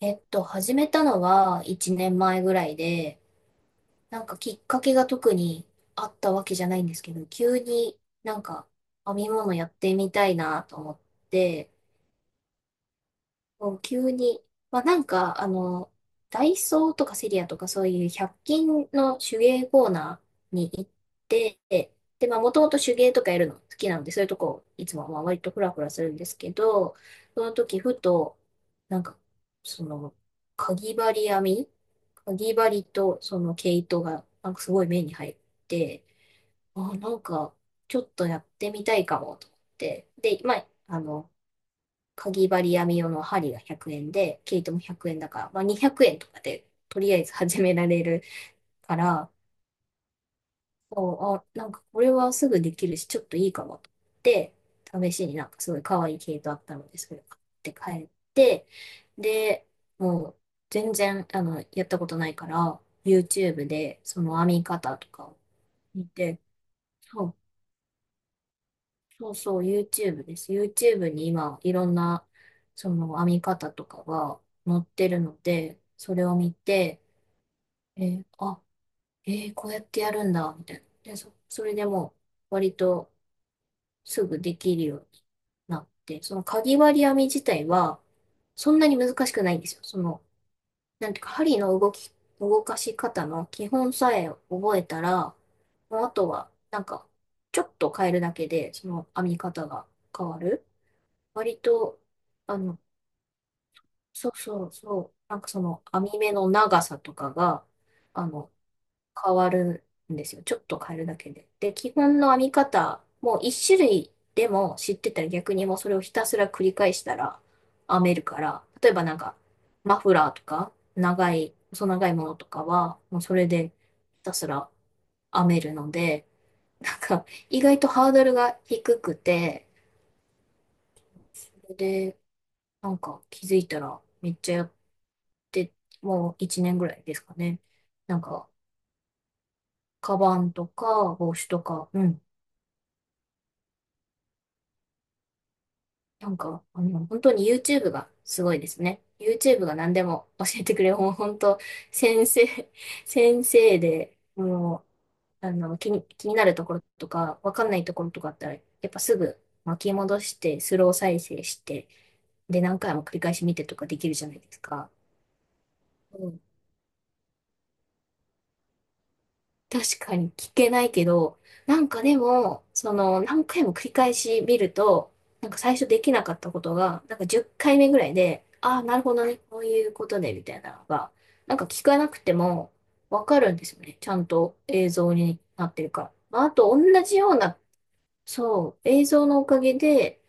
始めたのは1年前ぐらいで、なんかきっかけが特にあったわけじゃないんですけど、急に編み物やってみたいなと思って、そう急に、まあ、なんか、あの、ダイソーとかセリアとかそういう100均の手芸コーナーに行って、で、まあ、もともと手芸とかやるの好きなので、そういうとこ、いつもまあ割とフラフラするんですけど、その時、ふと、なんか、その、かぎ針編みかぎ針とその毛糸が、なんかすごい目に入って、あ、なんか、ちょっとやってみたいかも、と思って。で、かぎ針編み用の針が100円で、毛糸も100円だから、まあ、200円とかでとりあえず始められるから、あ、なんかこれはすぐできるし、ちょっといいかもと思って、試しになんかすごい可愛い毛糸あったので、それを買って帰って、で、もう全然やったことないから、YouTube でその編み方とかを見て、あそうそう、YouTube です。YouTube に今、いろんな、その編み方とかが載ってるので、それを見て、えーあ、こうやってやるんだ、みたいな。で、それでもう、割とすぐできるようになって、そのかぎ針編み自体は、そんなに難しくないんですよ。その、なんていうか、針の動き、動かし方の基本さえ覚えたら、もうあとは、ちょっと変えるだけで、その編み方が変わる。割と、あの、そうそうそう、なんかその網目の長さとかが、あの、変わるんですよ。ちょっと変えるだけで。で、基本の編み方、もう一種類でも知ってたら逆にもうそれをひたすら繰り返したら編めるから、例えばマフラーとか、長い、細長いものとかは、もうそれでひたすら編めるので、なんか、意外とハードルが低くて、それで、なんか気づいたらめっちゃやって、もう1年ぐらいですかね。なんか、カバンとか帽子とか、うん。本当に YouTube がすごいですね。YouTube が何でも教えてくれる。もう本当、先生、先生で、もう、気になるところとか、わかんないところとかあったら、やっぱすぐ巻き戻して、スロー再生して、で、何回も繰り返し見てとかできるじゃないですか。うん、確かに聞けないけど、なんかでも、その、何回も繰り返し見ると、なんか最初できなかったことが、なんか10回目ぐらいで、ああ、なるほどね、こういうことね、みたいなのが、なんか聞かなくてもわかるんですよね。ちゃんと映像になってるから。まあ、あと、同じような、そう、映像のおかげで、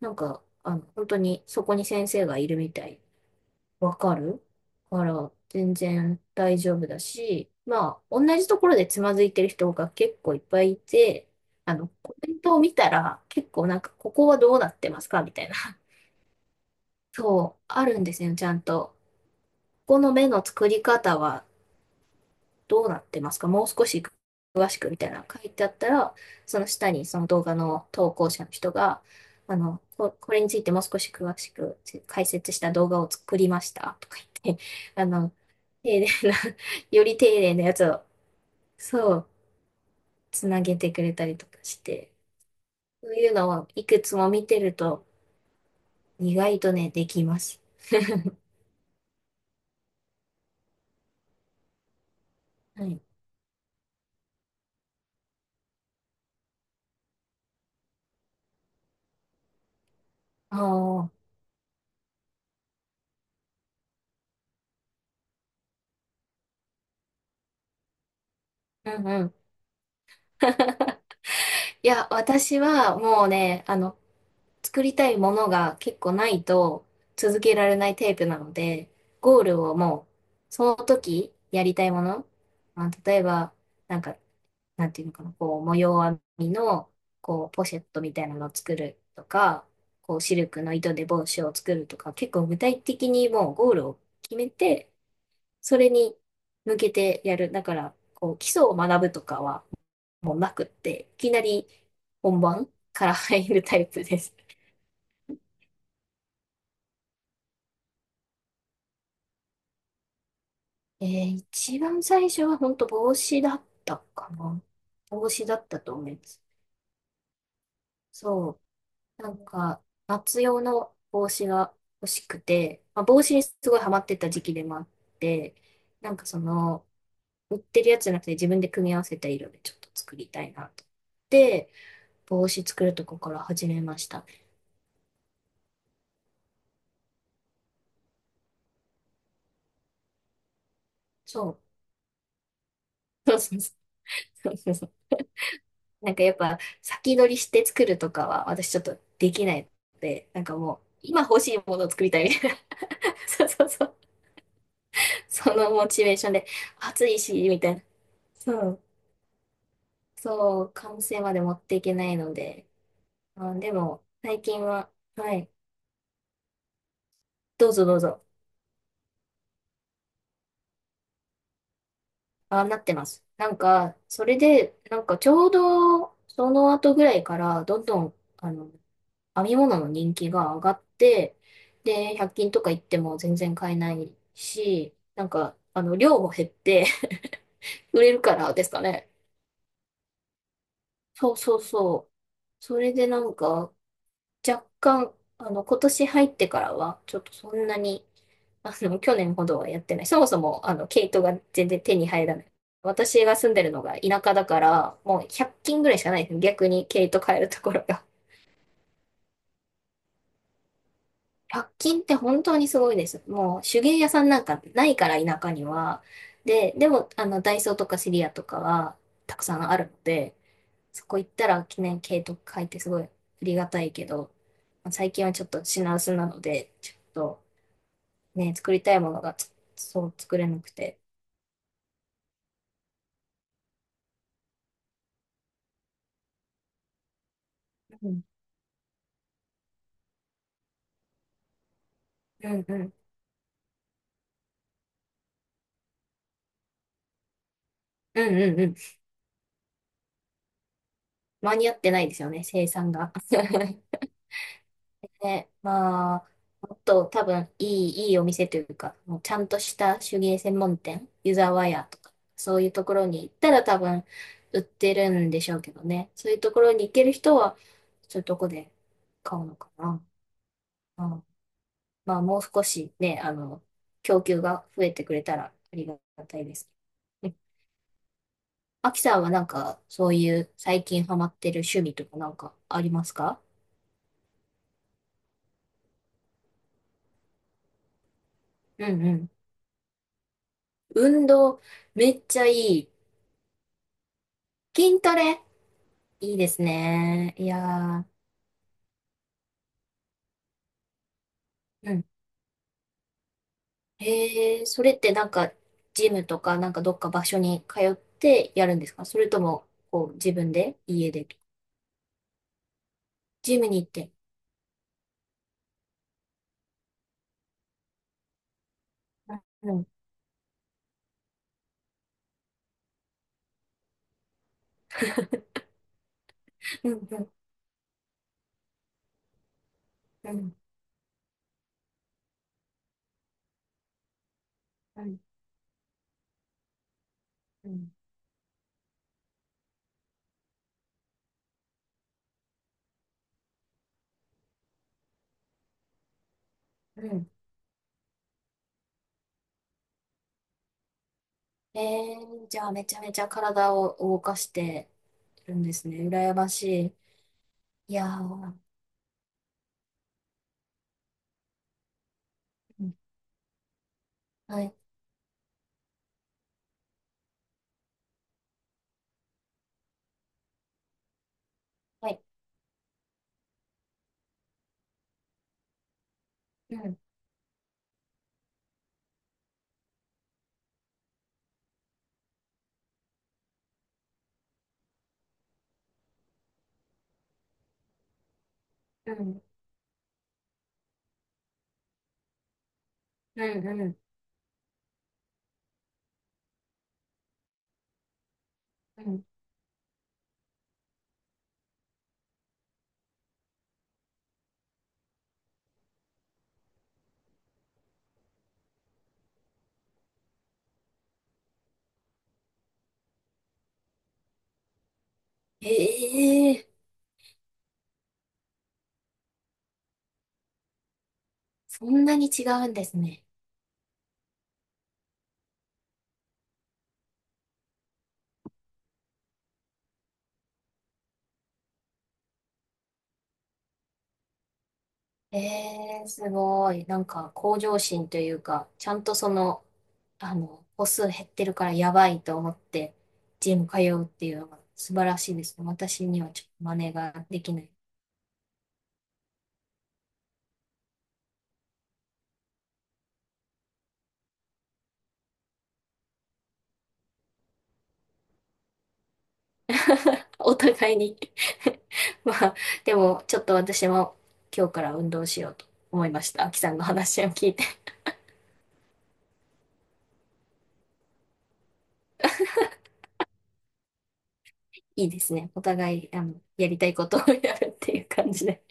本当にそこに先生がいるみたいわかるから、全然大丈夫だし、まあ、同じところでつまずいてる人が結構いっぱいいて、あの、コメントを見たら、結構なんか、ここはどうなってますかみたいな。そう、あるんですよ、ちゃんと。ここの目の作り方は、どうなってますかもう少し詳しくみたいなの書いてあったら、その下にその動画の投稿者の人が、れについてもう少し詳しく解説した動画を作りましたとか言って、あの、丁寧な より丁寧なやつを、そう、つなげてくれたりとかして、そういうのをいくつも見てると、意外とね、できます。はい。ああ、うんうん。いや、私はもうね、あの、作りたいものが結構ないと続けられないタイプなので、ゴールをもう、その時やりたいもの、まあ、例えば、なんか、なんていうのかな、こう、模様編みの、こう、ポシェットみたいなのを作るとか、こう、シルクの糸で帽子を作るとか、結構具体的にもうゴールを決めて、それに向けてやる。だから、こう、基礎を学ぶとかはもうなくって、いきなり本番から入るタイプです。えー、一番最初は本当帽子だったかな。帽子だったと思います。そう。なんか、夏用の帽子が欲しくて、まあ、帽子にすごいハマってた時期でもあって、なんかその、売ってるやつじゃなくて自分で組み合わせた色でちょっと作りたいなと思って。帽子作るとこから始めました。そう。そうそうそうそうそう。なんかやっぱ先取りして作るとかは私ちょっとできないので、なんかもう今欲しいものを作りたいそうそうそう。そのモチベーションで、暑いし、みたいな。そう。そう、完成まで持っていけないので。あ、でも、最近は、はい。どうぞどうぞ。あ、なってます。なんか、それで、なんかちょうど、その後ぐらいから、どんどん、あの、編み物の人気が上がって、で、100均とか行っても全然買えないし、量も減って 売れるからですかね。そうそうそう。それでなんか、若干、あの、今年入ってからは、ちょっとそんなに、あの、去年ほどはやってない。そもそも、あの、毛糸が全然手に入らない。私が住んでるのが田舎だから、もう100均ぐらいしかないですね。逆に毛糸買えるところが。100均って本当にすごいです。もう手芸屋さんなんかないから田舎には。でも、あの、ダイソーとかシリアとかはたくさんあるので、そこ行ったら記念毛糸買えてすごいありがたいけど、最近はちょっと品薄なので、ちょっと、ね、作りたいものがつそう作れなくて。うん、うん、うん。うんうんうん。間に合ってないですよね、生産が。ね、まあ、もっと多分いい、いいお店というか、もうちゃんとした手芸専門店、湯沢屋とか、そういうところに行ったら多分売ってるんでしょうけどね。そういうところに行ける人は、そういうとこで買うのかな。うん、まあ、もう少しね、あの、供給が増えてくれたらありがたいです。アキさんはなんか、そういう最近ハマってる趣味とかなんかありますか？うんうん。運動、めっちゃいい。筋トレ、いいですね。いやー、うん。へえ、それってなんか、ジムとかなんかどっか場所に通ってやるんですか？それとも、こう、自分で、家で、ジムに行って。うん、うん、うん、うん、うん、うん。うん、へ、じゃあめちゃめちゃ体を動かしてるんですね。羨ましい。いやー、うん、はいはい。うん、うん、うん、うん、うん。ええ、そんなに違うんですね。ええすごい。なんか、向上心というか、ちゃんとその、あの、歩数減ってるからやばいと思って、ジム通うっていうのが素晴らしいですね。私にはちょっと真似ができない。お互いに まあ、でも、ちょっと私も今日から運動しようと思いました。秋さんの話を聞いて。いいですね。お互い、あの、やりたいことをやるっていう感じで。